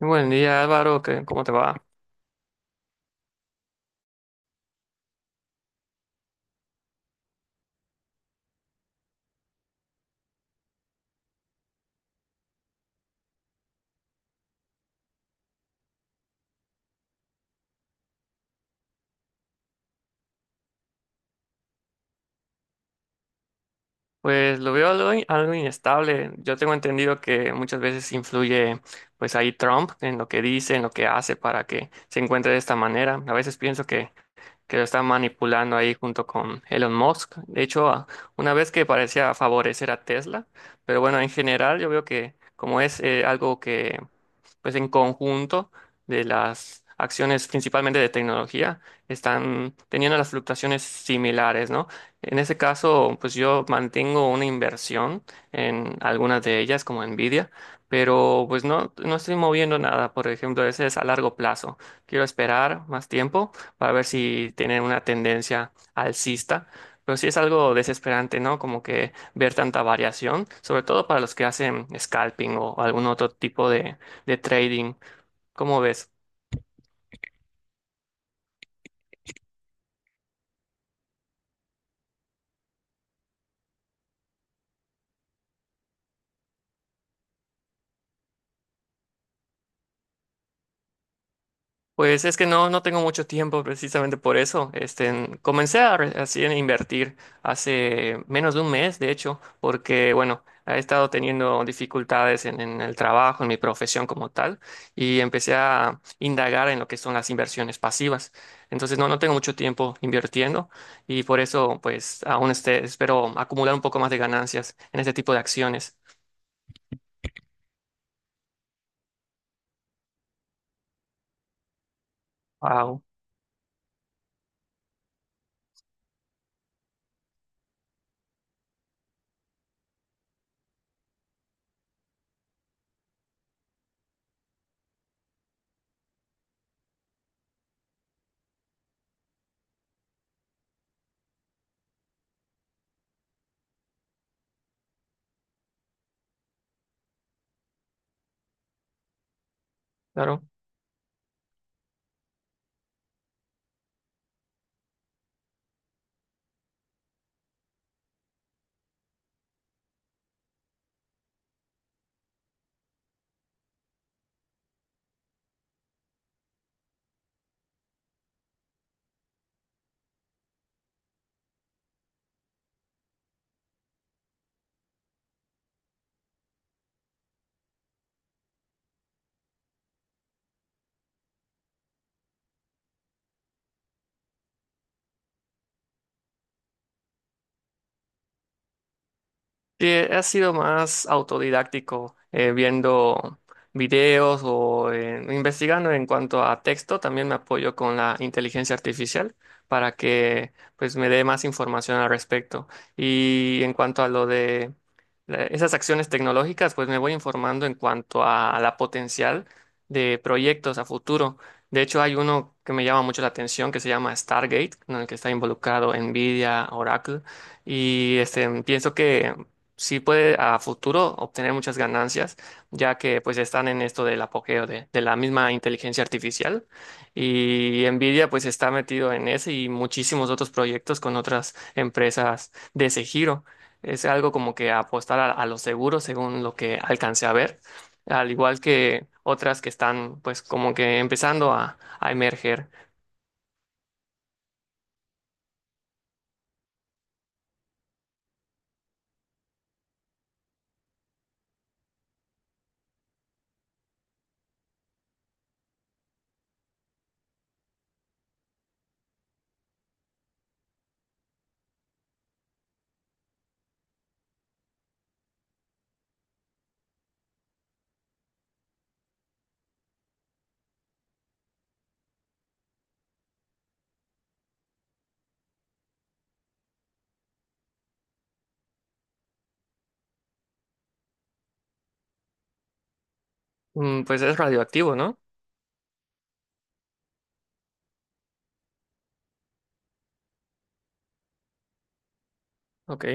Buen día, Álvaro, ¿cómo te va? Pues lo veo algo, algo inestable. Yo tengo entendido que muchas veces influye, pues ahí Trump en lo que dice, en lo que hace para que se encuentre de esta manera. A veces pienso que lo están manipulando ahí junto con Elon Musk. De hecho, una vez que parecía favorecer a Tesla, pero bueno, en general yo veo que como es algo que pues en conjunto de las acciones principalmente de tecnología están teniendo las fluctuaciones similares, ¿no? En ese caso, pues yo mantengo una inversión en algunas de ellas, como Nvidia, pero pues no estoy moviendo nada, por ejemplo, ese es a largo plazo. Quiero esperar más tiempo para ver si tienen una tendencia alcista. Pero sí es algo desesperante, ¿no? Como que ver tanta variación, sobre todo para los que hacen scalping o algún otro tipo de trading. ¿Cómo ves? Pues es que no tengo mucho tiempo precisamente por eso. Este, comencé así a invertir hace menos de un mes, de hecho, porque, bueno, he estado teniendo dificultades en el trabajo, en mi profesión como tal, y empecé a indagar en lo que son las inversiones pasivas. Entonces, no tengo mucho tiempo invirtiendo y por eso, pues, aún este, espero acumular un poco más de ganancias en este tipo de acciones. Wow. Sí, he sido más autodidáctico, viendo videos o investigando en cuanto a texto. También me apoyo con la inteligencia artificial para que pues me dé más información al respecto. Y en cuanto a lo de esas acciones tecnológicas, pues me voy informando en cuanto a la potencial de proyectos a futuro. De hecho, hay uno que me llama mucho la atención que se llama Stargate, en el que está involucrado Nvidia, Oracle. Y este, pienso que sí puede a futuro obtener muchas ganancias, ya que pues están en esto del apogeo de la misma inteligencia artificial y Nvidia pues está metido en ese y muchísimos otros proyectos con otras empresas de ese giro. Es algo como que apostar a lo seguro según lo que alcancé a ver, al igual que otras que están pues como que empezando a emerger. Mm, pues es radioactivo, ¿no? Ok.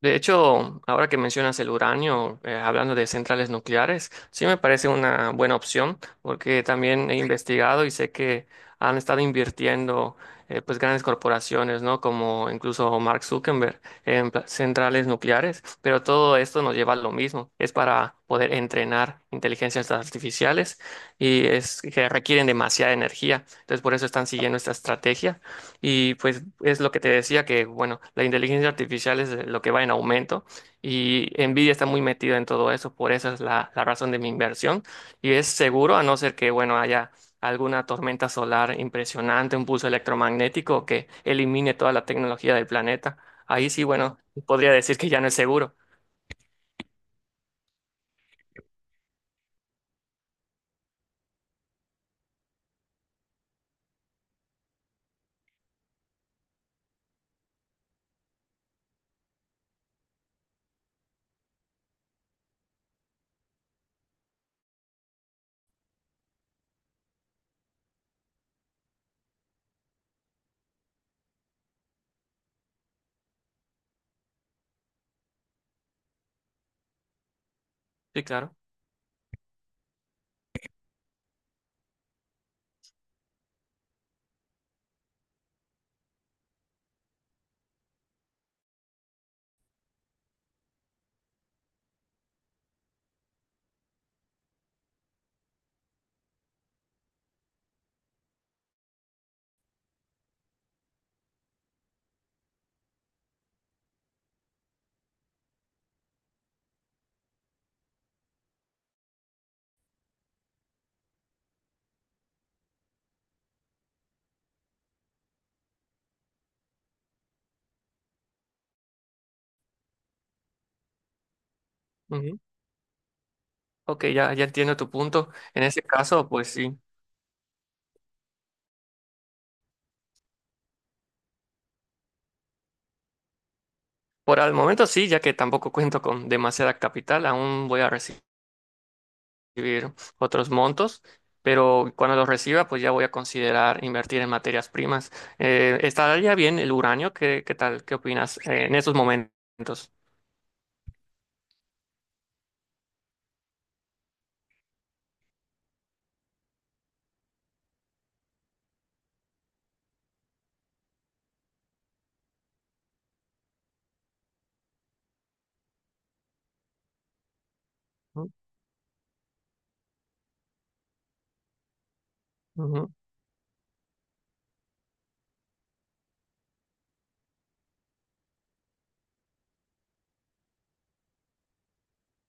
De hecho, ahora que mencionas el uranio, hablando de centrales nucleares, sí me parece una buena opción porque también he investigado y sé que han estado invirtiendo pues grandes corporaciones, ¿no? Como incluso Mark Zuckerberg en centrales nucleares, pero todo esto nos lleva a lo mismo, es para poder entrenar inteligencias artificiales y es que requieren demasiada energía, entonces por eso están siguiendo esta estrategia y pues es lo que te decía que, bueno, la inteligencia artificial es lo que va en aumento y Nvidia está muy metida en todo eso, por eso es la razón de mi inversión. Y es seguro, a no ser que, bueno, haya alguna tormenta solar impresionante, un pulso electromagnético que elimine toda la tecnología del planeta. Ahí sí, bueno, podría decir que ya no es seguro. Sí, claro. Ujú. Ok, ya entiendo tu punto. En ese caso, pues sí. Por el momento sí, ya que tampoco cuento con demasiada capital, aún voy a recibir otros montos, pero cuando los reciba, pues ya voy a considerar invertir en materias primas. ¿Estaría bien el uranio? ¿Qué, qué tal? ¿Qué opinas en esos momentos? Ujú, ujú,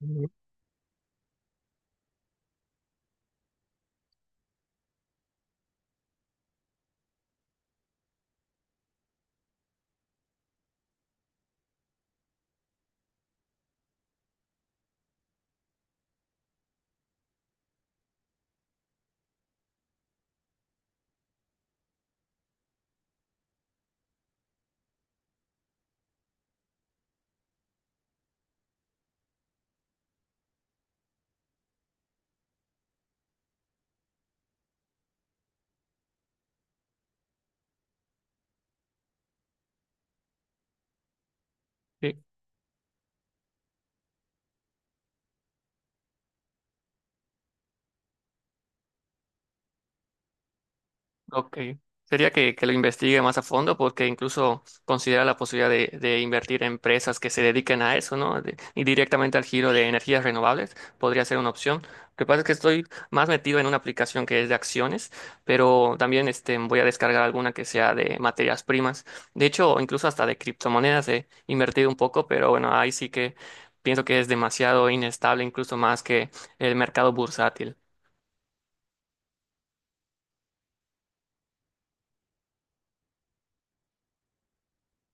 ujú. Sí. Ok. Sería que lo investigue más a fondo porque incluso considera la posibilidad de invertir en empresas que se dediquen a eso, ¿no? Y directamente al giro de energías renovables podría ser una opción. Lo que pasa es que estoy más metido en una aplicación que es de acciones, pero también este, voy a descargar alguna que sea de materias primas. De hecho, incluso hasta de criptomonedas he invertido un poco, pero bueno, ahí sí que pienso que es demasiado inestable, incluso más que el mercado bursátil.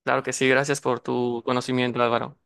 Claro que sí, gracias por tu conocimiento, Álvaro.